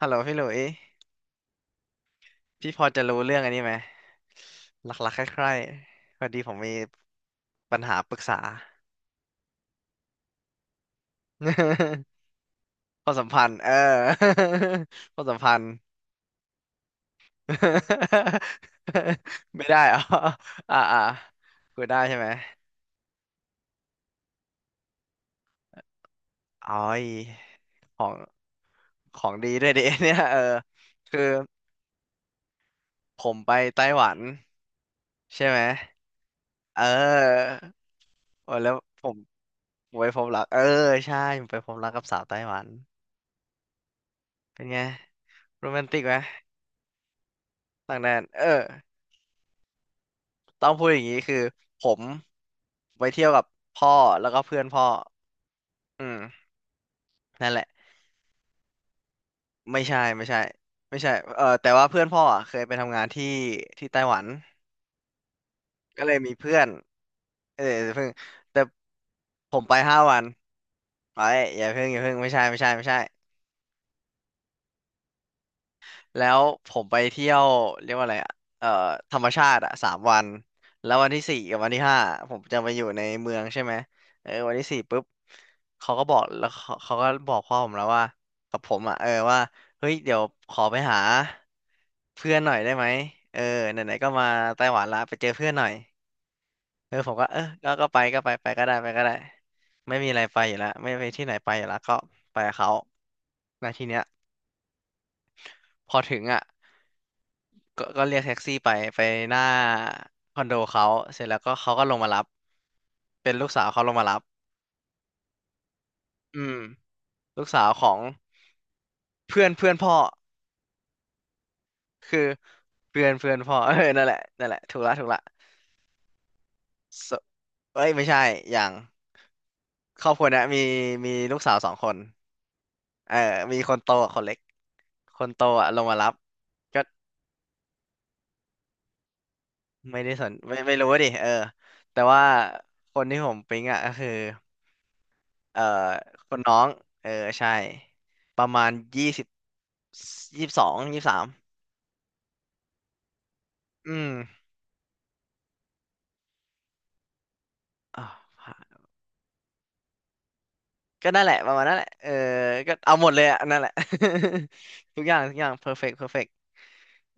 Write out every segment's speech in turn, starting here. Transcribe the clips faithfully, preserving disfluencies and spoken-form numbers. ฮัลโหลพี่หลุยพี่พอจะรู้เรื่องอันนี้ไหมหลักๆคล้ายๆพอดีผมมีปัญหาปรึกษา ความสัมพันธ์เออ ความสัมพันธ์ ไม่ได้เหรออ่า อ่าคุยได้ใช่ไหมอ๋อยของของดีด้วยดิ เนี่ยเออคือผมไปไต้หวันใช่ไหมเออโอ้แล้วผมไปพบรักเออใช่ผมไปพบรักกับสาวไต้หวันเป็นไง โรแมนติกไหมต่างแดนเออต้องพูดอย่างนี้คือผมไปเที่ยวกับพ่อแล้วก็เพื่อนพ่ออืมนั่นแหละไม่ใช่ไม่ใช่ไม่ใช่เออแต่ว่าเพื่อนพ่ออ่ะเคยไปทำงานที่ที่ไต้หวันก็เลยมีเพื่อนเออเพิ่งแต่ผมไปห้าวันไอ้ยอย่าเพิ่งอย่าเพิ่งไม่ใช่ไม่ใช่ไม่ใช่ แล้วผมไปเที่ยวเรียกว่าอะไรอะเอ่อธรรมชาติอะสามวันแล้ววันที่สี่กับวันที่ห้าผมจะไปอยู่ในเมืองใช่ไหมเออวันที่สี่ปุ๊บเขาก็บอกแล้วเขาเขาก็บอกพ่อผมแล้วว่ากับผมอะเออว่าเฮ้ยเดี๋ยวขอไปหาเพื่อนหน่อยได้ไหมเออไหนๆก็มาไต้หวันละไปเจอเพื่อนหน่อยเออผมก็เออก็ก็ไปก็ไปไปก็ได้ไปก็ได้ไม่มีอะไรไปอยู่แล้วไม่ไปที่ไหนไปอยู่แล้วก็ไปกับเขานาทีเนี้ยพอถึงอ่ะ ก็ก็เรียกแท็กซี่ไปไปหน้าคอนโดเขาเสร็จแล้วก็เขาก็ลงมารับเป็นลูกสาวเขาลงมารับอืมลูกสาวของเพื่อนเพื่อนพ่อคือเพื่อนเพื่อนพ่อ เออนั่นแหละนั่นแหละถูกละถูกละสเอ้ยไม่ใช่อย่างครอบครัวเนี้ยมีมีลูกสาวสองคนเออมีคนโตกับคนเล็กคนโตอ่ะลงมารับก็ไม่ได้สนไม่ไม่รู้ดิเออแต่ว่าคนที่ผมปิ๊งอ่ะก็คือ เอ่อคนน้องเออใช่ประมาณยี่สิบยี่สิบสองยี่สิบสามอืมอ่าวก็นั่นแหละประมาณนั้นแหละเออก็เอาหมดเลยอ่ะนั่นแหละ ทุกอย่างทุกอย่างเพอร์เฟกต์เพอร์เฟกต์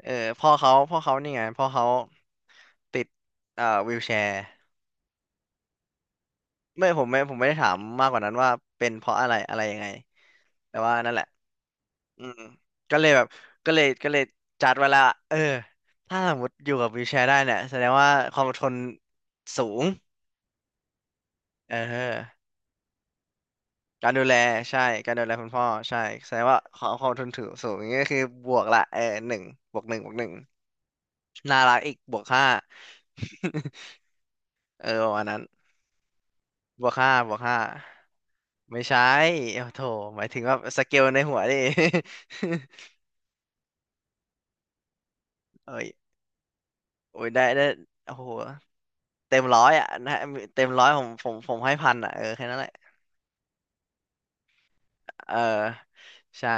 เออพ่อเขาพ่อเขานี่ไงพ่อเขาติดเอ่อวีลแชร์ไม่ผมไม่ผมไม่ได้ถามมากกว่านั้นว่าเป็นเพราะอะไรอะไรยังไง แต่ว่านั่นแหละอืมก็เลยแบบก็เลยก็เลยจัดไว้แล้วเออถ้าสมมติอยู่กับวีลแชร์ได้เนี่ยแสดงว่าความอดทนสูงเออการดูแลใช่การดูแลคุณพ่อใช่แสดงว่าความความอดทนถือสูงอย่างนี้ก็คือบวกละเออหนึ่งบวกหนึ่งบวกหนึ่งน่ารักอีกบวกห้า เออประมาณนั้นบวกห้าบวกห้าไม่ใช่โอ้าโถหมายถึงว่าสเกลในหัวดิ เอ้ยโอ้ยได้ได้โอ้โห เต็มร้อยอ่ะ นะเต็มร้อยผมผมผมให้พันอ่ะเออแค่นั้นแหละเออใช่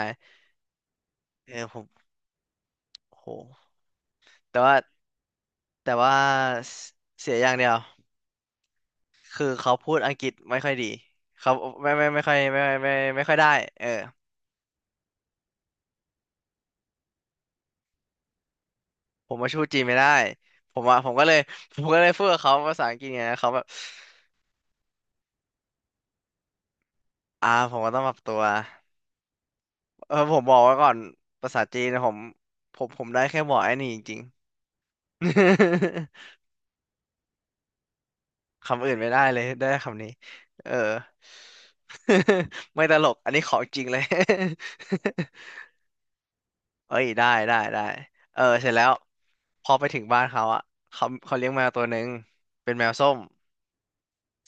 เออผมโหแต่ว่าแต่ว่าเสียอย่างเดียวคือเขาพูดอังกฤษไม่ค่อยดีเขาไม่ไม่ไม่ค่อยไม่ไม่ไม่ไม่ไม่ค่อยได้เออผมมาชูจีนไม่ได้ผมอ่ะผมก็เลย ผมก็เลยพูดกับเขาภาษาอังกฤษไงเขาแบบอ่าผมก็ต้องปรับตัวเออผมบอกไว้ก่อนภาษาจีนนะผมผมผมได้แค่บอกไอ้นี่จริงๆ คำอื่นไม่ได้เลยได้คำนี้เออ ไม่ตลกอันนี้ของจริงเลย เอ้ยได้ได้ได้เออเสร็จแล้วพอไปถึงบ้านเขาอะเขาเขาเลี้ยงแมวตัวหนึ่งเป็นแมวส้ม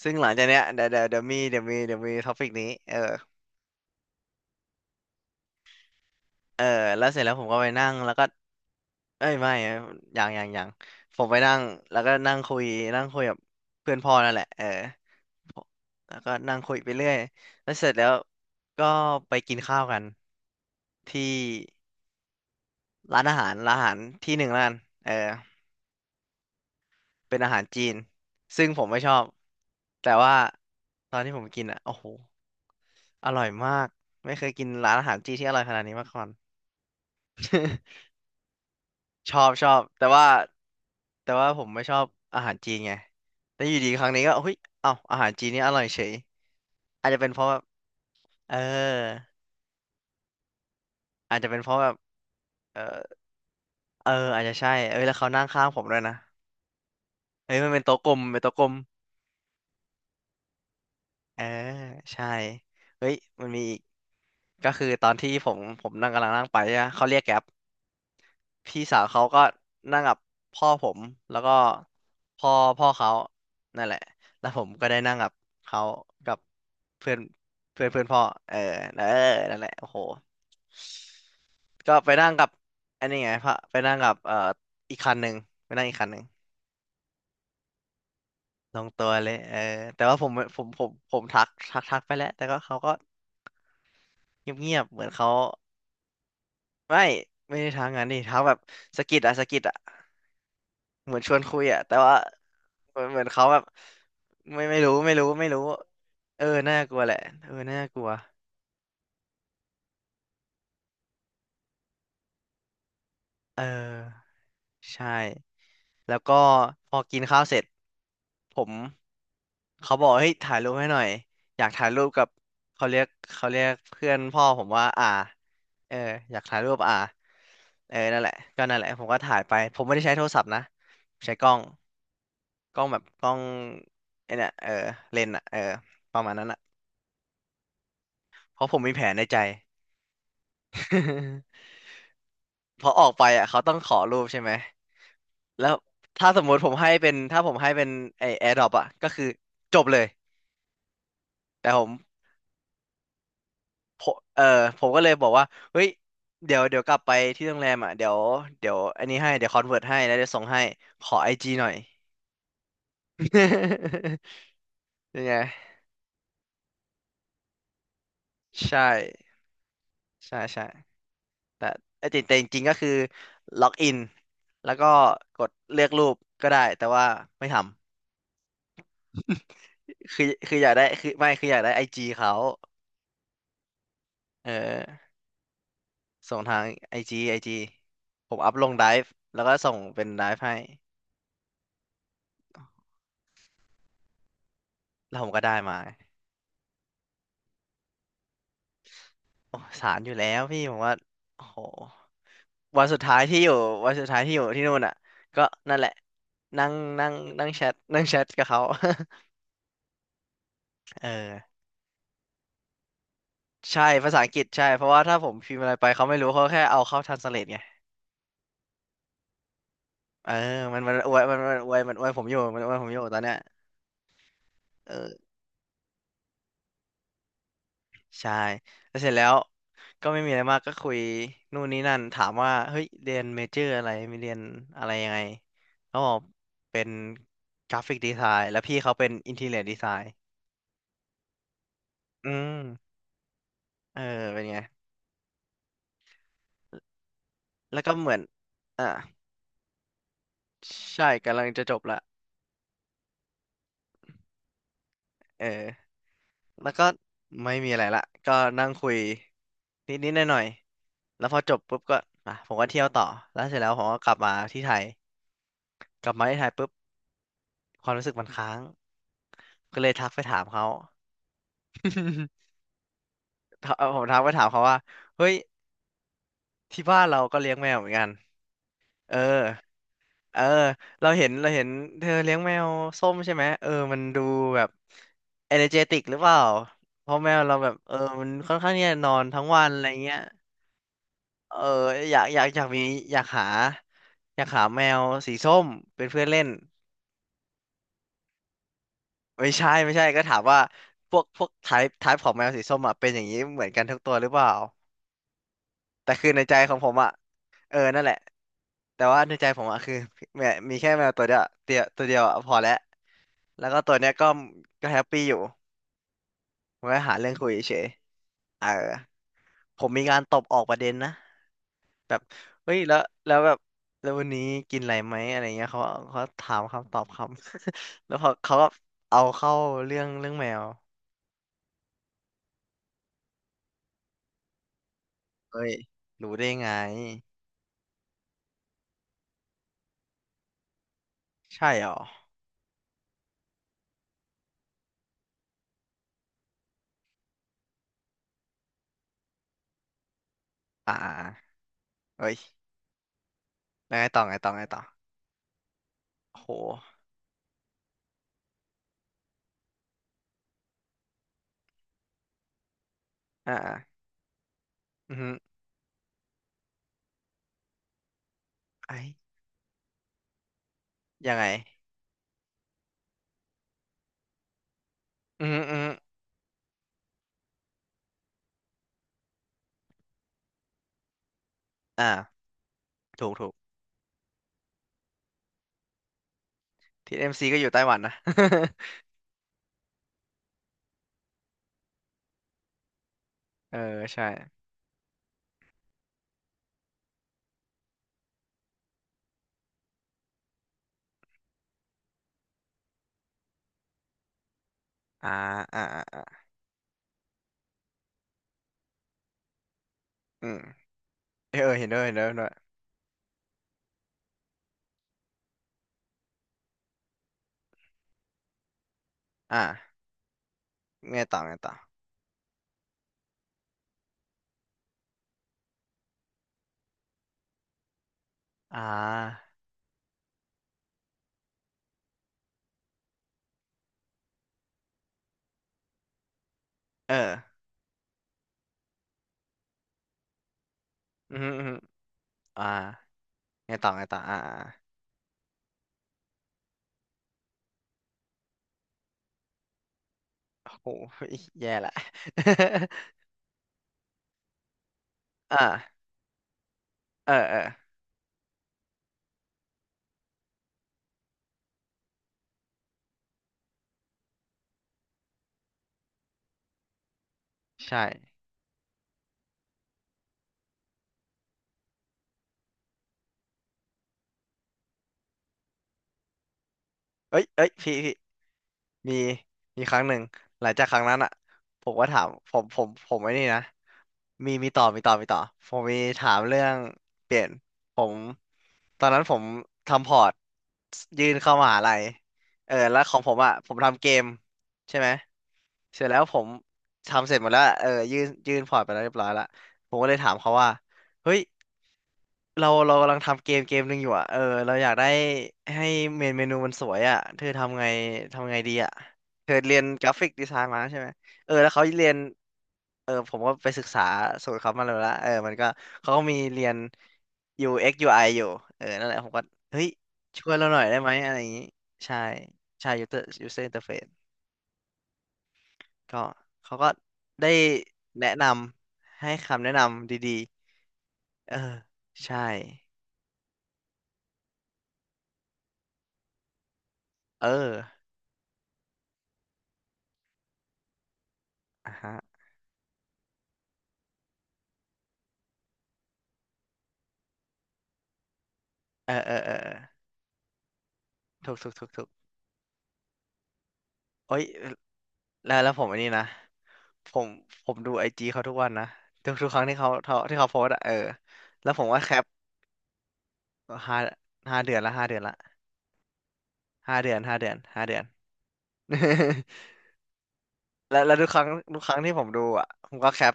ซึ่งหลังจากเนี้ยเดี๋ยวเดี๋ยวเดี๋ยวมีเดี๋ยวมีเดี๋ยวมีท็อปิกนี้เออ เออแล้วเสร็จแล้วผมก็ไปนั่งแล้วก็เอ้ยไม่อะอย่างอย่างอย่างผมไปนั่งแล้วก็นั่งคุยนั่งคุยกับเพื่อนพ่อนั่นแหละเออผมแล้วก็นั่งคุยไปเรื่อยแล้วเสร็จแล้วก็ไปกินข้าวกันที่ร้านอาหารร้านอาหารที่หนึ่งร้านเออเป็นอาหารจีนซึ่งผมไม่ชอบแต่ว่าตอนที่ผมกินอ่ะโอ้โหอร่อยมากไม่เคยกินร้านอาหารจีนที่อร่อยขนาดนี้มาก่อน ชอบชอบแต่ว่าแต่ว่าผมไม่ชอบอาหารจีนไงแต่อยู่ดีครั้งนี้ก็เฮ้ยเอ้าอาหารจีนนี่อร่อยเฉยอาจจะเป็นเพราะแบบเอออาจจะเป็นเพราะแบบเออเอออาจจะใช่เอ้ยแล้วเขานั่งข้างผมด้วยนะเฮ้ยมันเป็นโต๊ะกลมเป็นโต๊ะกลมเออใช่เฮ้ยมันมีอีกก็คือตอนที่ผมผมนั่งกำลังนั่งไปอะเขาเรียกแกร็บ พี่สาวเขาก็นั่งกับพ่อผมแล้วก็พ่อพ่อเขานั่นแหละแล้วผมก็ได้นั่งกับเขากับเพื่อนเพื่อนเพื่อนพ่อเออเออนั่นแหละโอ้โหก็ไปนั่งกับอันนี้ไงพระไปนั่งกับเอ่ออีกคันหนึ่งไปนั่งอีกคันหนึ่งลงตัวเลยเออแต่ว่าผมผมผมผมทักทักทักไปแล้วแต่ก็เขาก็เงียบๆเหมือนเขา ไม่ไม่ได้ทักงั้นดิทักแบบสะกิดอะสะกิดอะเหมือนชวนคุยอะแต่ว่าเหมือนเหมือนเขาแบบไม่ไม่รู้ไม่รู้ไม่รู้เออน่ากลัวแหละเออน่ากลัวเออใช่แล้วก็พอกินข้าวเสร็จผมเขาบอกเฮ้ยถ่ายรูปให้หน่อยอยากถ่ายรูปกับเขาเรียกเขาเรียกเพื่อนพ่อผมว่าอาเอออยากถ่ายรูปอาเออนั่นแหละก็นั่นแหละผมก็ถ่ายไปผมไม่ได้ใช้โทรศัพท์นะผมใช้กล้อง กล้องแบบกล้องไอ้เนี่ยเออเลนส์อะเออประมาณนั้นอะเพราะผมมีแผนในใจ พอออกไปอะเขาต้องขอรูปใช่ไหมแล้วถ้าสมมุติผมให้เป็นถ้าผมให้เป็นไอแอร์ดรอปอะก็คือจบเลยแต่ผมผมเออผมก็เลยบอกว่าเฮ้ยเดี๋ยวเดี๋ยวกลับไปที่โรงแรมอะเดี๋ยวเดี๋ยวอันนี้ให้เดี๋ยวคอนเวิร์ตให้แล้วเดี๋ยวส่งให้ขอไอจีหน่อย ยังไงใช่ใช่ใช่ แต่แต่จริงแต่จริงๆก็คือล็อกอินแล้วก็กดเลือกรูปก็ได้แต่ว่าไม่ทำคือคืออยากได้คือไม่คืออยากได้ไอจีเขาเออส่งทางไอจีไอจีผมอัพลงไดฟ์แล้วก็ส่งเป็นไดฟ์ให้แล้วผมก็ได้มาโอ้สารอยู่แล้วพี่ผมว่าโอ้โหวันสุดท้ายที่อยู่วันสุดท้ายที่อยู่ที่นู่นอ่ะก็นั่นแหละนั่งนั่งนั่งแชทนั่งแชทกับเขา เออ ใช่ภาษาอังกฤษใช่เพราะว่าถ้าผมพิมพ์อะไรไปเขาไม่รู้เขาแค่เอาเข้าทันสเลทไงเออมันมันอวยมันมันอวยมันอวยผมอยู่มันอวยผมอยู่ตอนเนี้ยเออใช่แล้วเสร็จแล้วก็ไม่มีอะไรมากก็คุยนู่นนี่นั่นถามว่าเฮ้ยเรียนเมเจอร์อะไรมีเรียนอะไรยังไงเขาบอกเป็นกราฟิกดีไซน์แล้วพี่เขาเป็นอินทีเรียดีไซน์อืมเออเป็นไงแล้วก็เหมือนอ่าใช่กำลังจะจบละเออ แล้วก็ไม่มีอะไรละก็นั่งคุยนิดๆหน่อยๆแล้วพอจบปุ๊บก็อ่ะผมก็เที่ยวต่อแล้วเสร็จแล้วผมก็กลับมาที่ไทยกลับมาที่ไทยปุ๊บความรู้สึกมันค้างก็เลยทักไปถามเขา กผมทักไปถามเขาว่าเฮ้ยที่บ้านเราก็เลี้ยงแมวเหมือนกันเออเออเราเห็นเราเห็นเธอเลี้ยงแมวส้มใช่ไหมเออมันดูแบบเอเนอร์เจติกหรือเปล่าเพราะแมวเราแบบเออมันค่อนข้างที่จะนอนทั้งวันอะไรเงี้ย เอออยากอยากอยากมีอยากหาอยากหาแมวสีส้มเป็นเพื่อนเล่นไม่ใช่ไม่ใช่ก็ถามว่าพวกพวกไทป์ไทป์ของแมวสีส้มอ่ะเป็นอย่างนี้เหมือนกันทุกตัวหรือเปล่าแต่คือในใจของผมอ่ะเออนั่นแหละแต่ว่าในใจผมอ่ะคือแมวมีแค่แมวตัวเดียวเดียวตัวเดียวอะพอแล้วแล้วก็ตัวเนี้ยก็ก็แฮปปี้อยู่ผมก็หาเรื่องคุยเฉยๆเออผมมีการตบออกประเด็นนะ แบบเฮ้ยแล้วแล้วแบบแล้ววันนี้กินอะไรไหมอะไรเงี้ยเขาเขาถามคำตอบคำ แล้วพอเขาก็เอาเข้าเรื่องเรื่องแมวเฮ้ยรู้ได้ไงใช่หรออ่าเฮ้ยแล้วไงต่อไงต่อไงต่อโอ้โหอ่าอ่าอือฮึไอ้ยังไงอือฮึอือฮึอ่าถูกถูกทีเอ็มซีก็อยู่ไต้หวันนะ เออใช่อ่าอ่าอ่าอ่าอืมเออเออเห็นด้วยเห็นด้วยเห็นด้วยอ่าไงต่อไงต่ออ่าเอออืมอหืมออ่า ไงต่อไงต่ออ่าอ่าโอ้โห แย่ละ อ่าเออเออใช่เอ้ยเอ้ยพี่พี่มีมีครั้งหนึ่งหลังจากครั้งนั้นอ่ะผมก็ถาม ผม ผมผมไอ้นี่นะ มีมีต่อมีต่อมีต่อผมมีถามเรื่องเปลี่ยน ผมตอนนั้นผมทำพอร์ตยื่นเข้ามหาลัยเออแล้วของผมอ่ะผมทำเกมใช่ไหม เสร็จแล้วผมทำเสร็จหมดแล้วเออยื่นยื่นพอร์ตไปแล้วเรียบร้อยละผมก็เลยถามเขาว่าเฮ้ยเราเรากำลังทำเกมเกมหนึ่งอยู่อ่ะเออเราอยากได้ให้เมนเมนูมันสวยอ่ะเธอทำไงทำไงดีอ่ะเธอเรียนกราฟิกดีไซน์มาใช่ไหมเออแล้วเขาเรียนเออผมก็ไปศึกษาสูตรเขามาแล้วละเออมันก็เขาก็มีเรียน ยู เอ็กซ์ ยู ไอ อกซ์ยูไออยู่เออนั่นแหละผมก็เฮ้ยช่วยเราหน่อยได้ไหมอะไรอย่างนี้ใช่ใช่ user user interface ก็เขาก็ได้แนะนำให้คำแนะนำดีๆเออใช่เอออ่ะฮะเออเออเออเออถูกถูกถูกถูกโอ้ยแล้วแล้วผมอันนี้นะผมผมดูไอจีเขาทุกวันนะทุกทุกครั้งที่เขาที่เขาโพสต์อะเออแล้วผมก็แคปห้าห้าเดือนละห้าเดือนละห้าเดือนห้าเดือนห้าเดือน แล้วแล้วทุกครั้งทุกครั้งที่ผมดูอ่ะผมก็แคป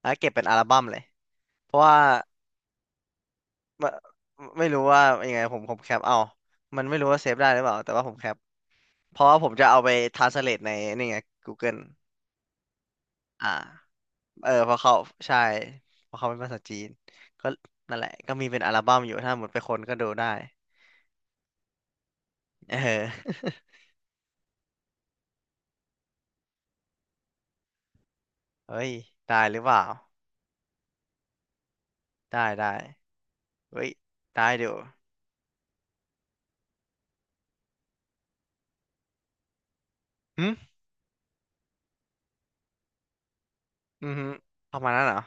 แล้วเก็บเป็นอัลบั้มเลยเพราะว่า ไม่ไม่รู้ว่ายังไงผมผมแคปเอามันไม่รู้ว่าเซฟได้หรือเปล่าแต่ว่าผมแคปเพราะว่าผมจะเอาไปทรานสเลทในนี่ไง Google อ่าเออเพราะเขาใช่เพราะเขาเป็นภาษาจีนก็นั่นแหละก็มีเป็นอัลบั้มอยู่ถ้าหมดไปคนก็ดูได้เออ เฮ้ยได้หรือเปล่าได้ได้เฮ้ยได้เดี๋ยวหึอือฮึประมาณนั้นเหรอ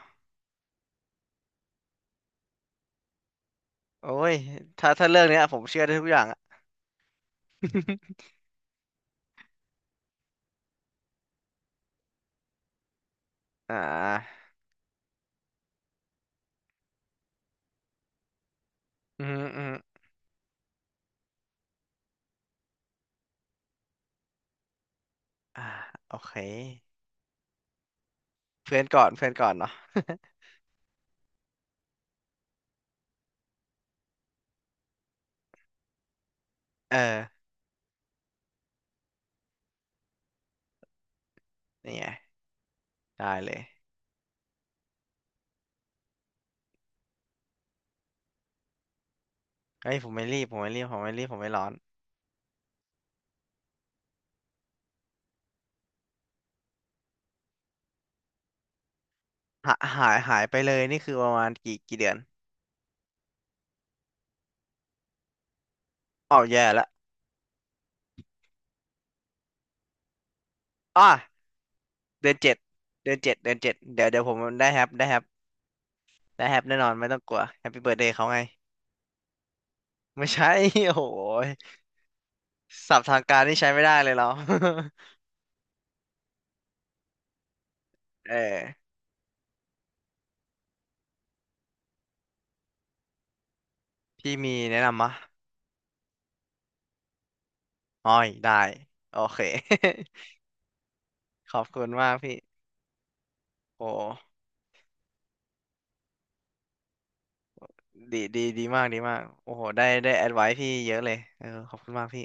โอ้ยถ้าถ้าเรื่องเนี้ยผมเชื่อได้ทุกอย่างอะ อ่าอืมอฮออือฮออ่าโอเค เพื่อนก่อนเพื่อนก่อนเนาะ เออนี่ไงได้เลยเฮ้ยผมไม่รีบผมไม่รีบผมไม่รีบผมไม่ร้อนหาหายหายไปเลยนี่คือประมาณกี่กี่เดือนอ้าวแย่ละอ้าเดือนเจ็ดเดือนเจ็ดเดือนเจ็ดเดี๋ยวเดี๋ยวผมได้แฮปได้แฮปได้แฮปแน่นอนไม่ต้องกลัวแฮปปี้เบิร์ดเดย์เขาไงไม่ใช่ โอ้โหศัพท์ทางการนี่ใช้ไม่ได้เลยเรา เออพี่มีแนะนำมะอ้อยได้โอเค ขอบคุณมากพี่โอ้ ดีดีดีมากดีมากโอ้โหได้ได้แอดไว้พี่เยอะเลยเออขอบคุณมากพี่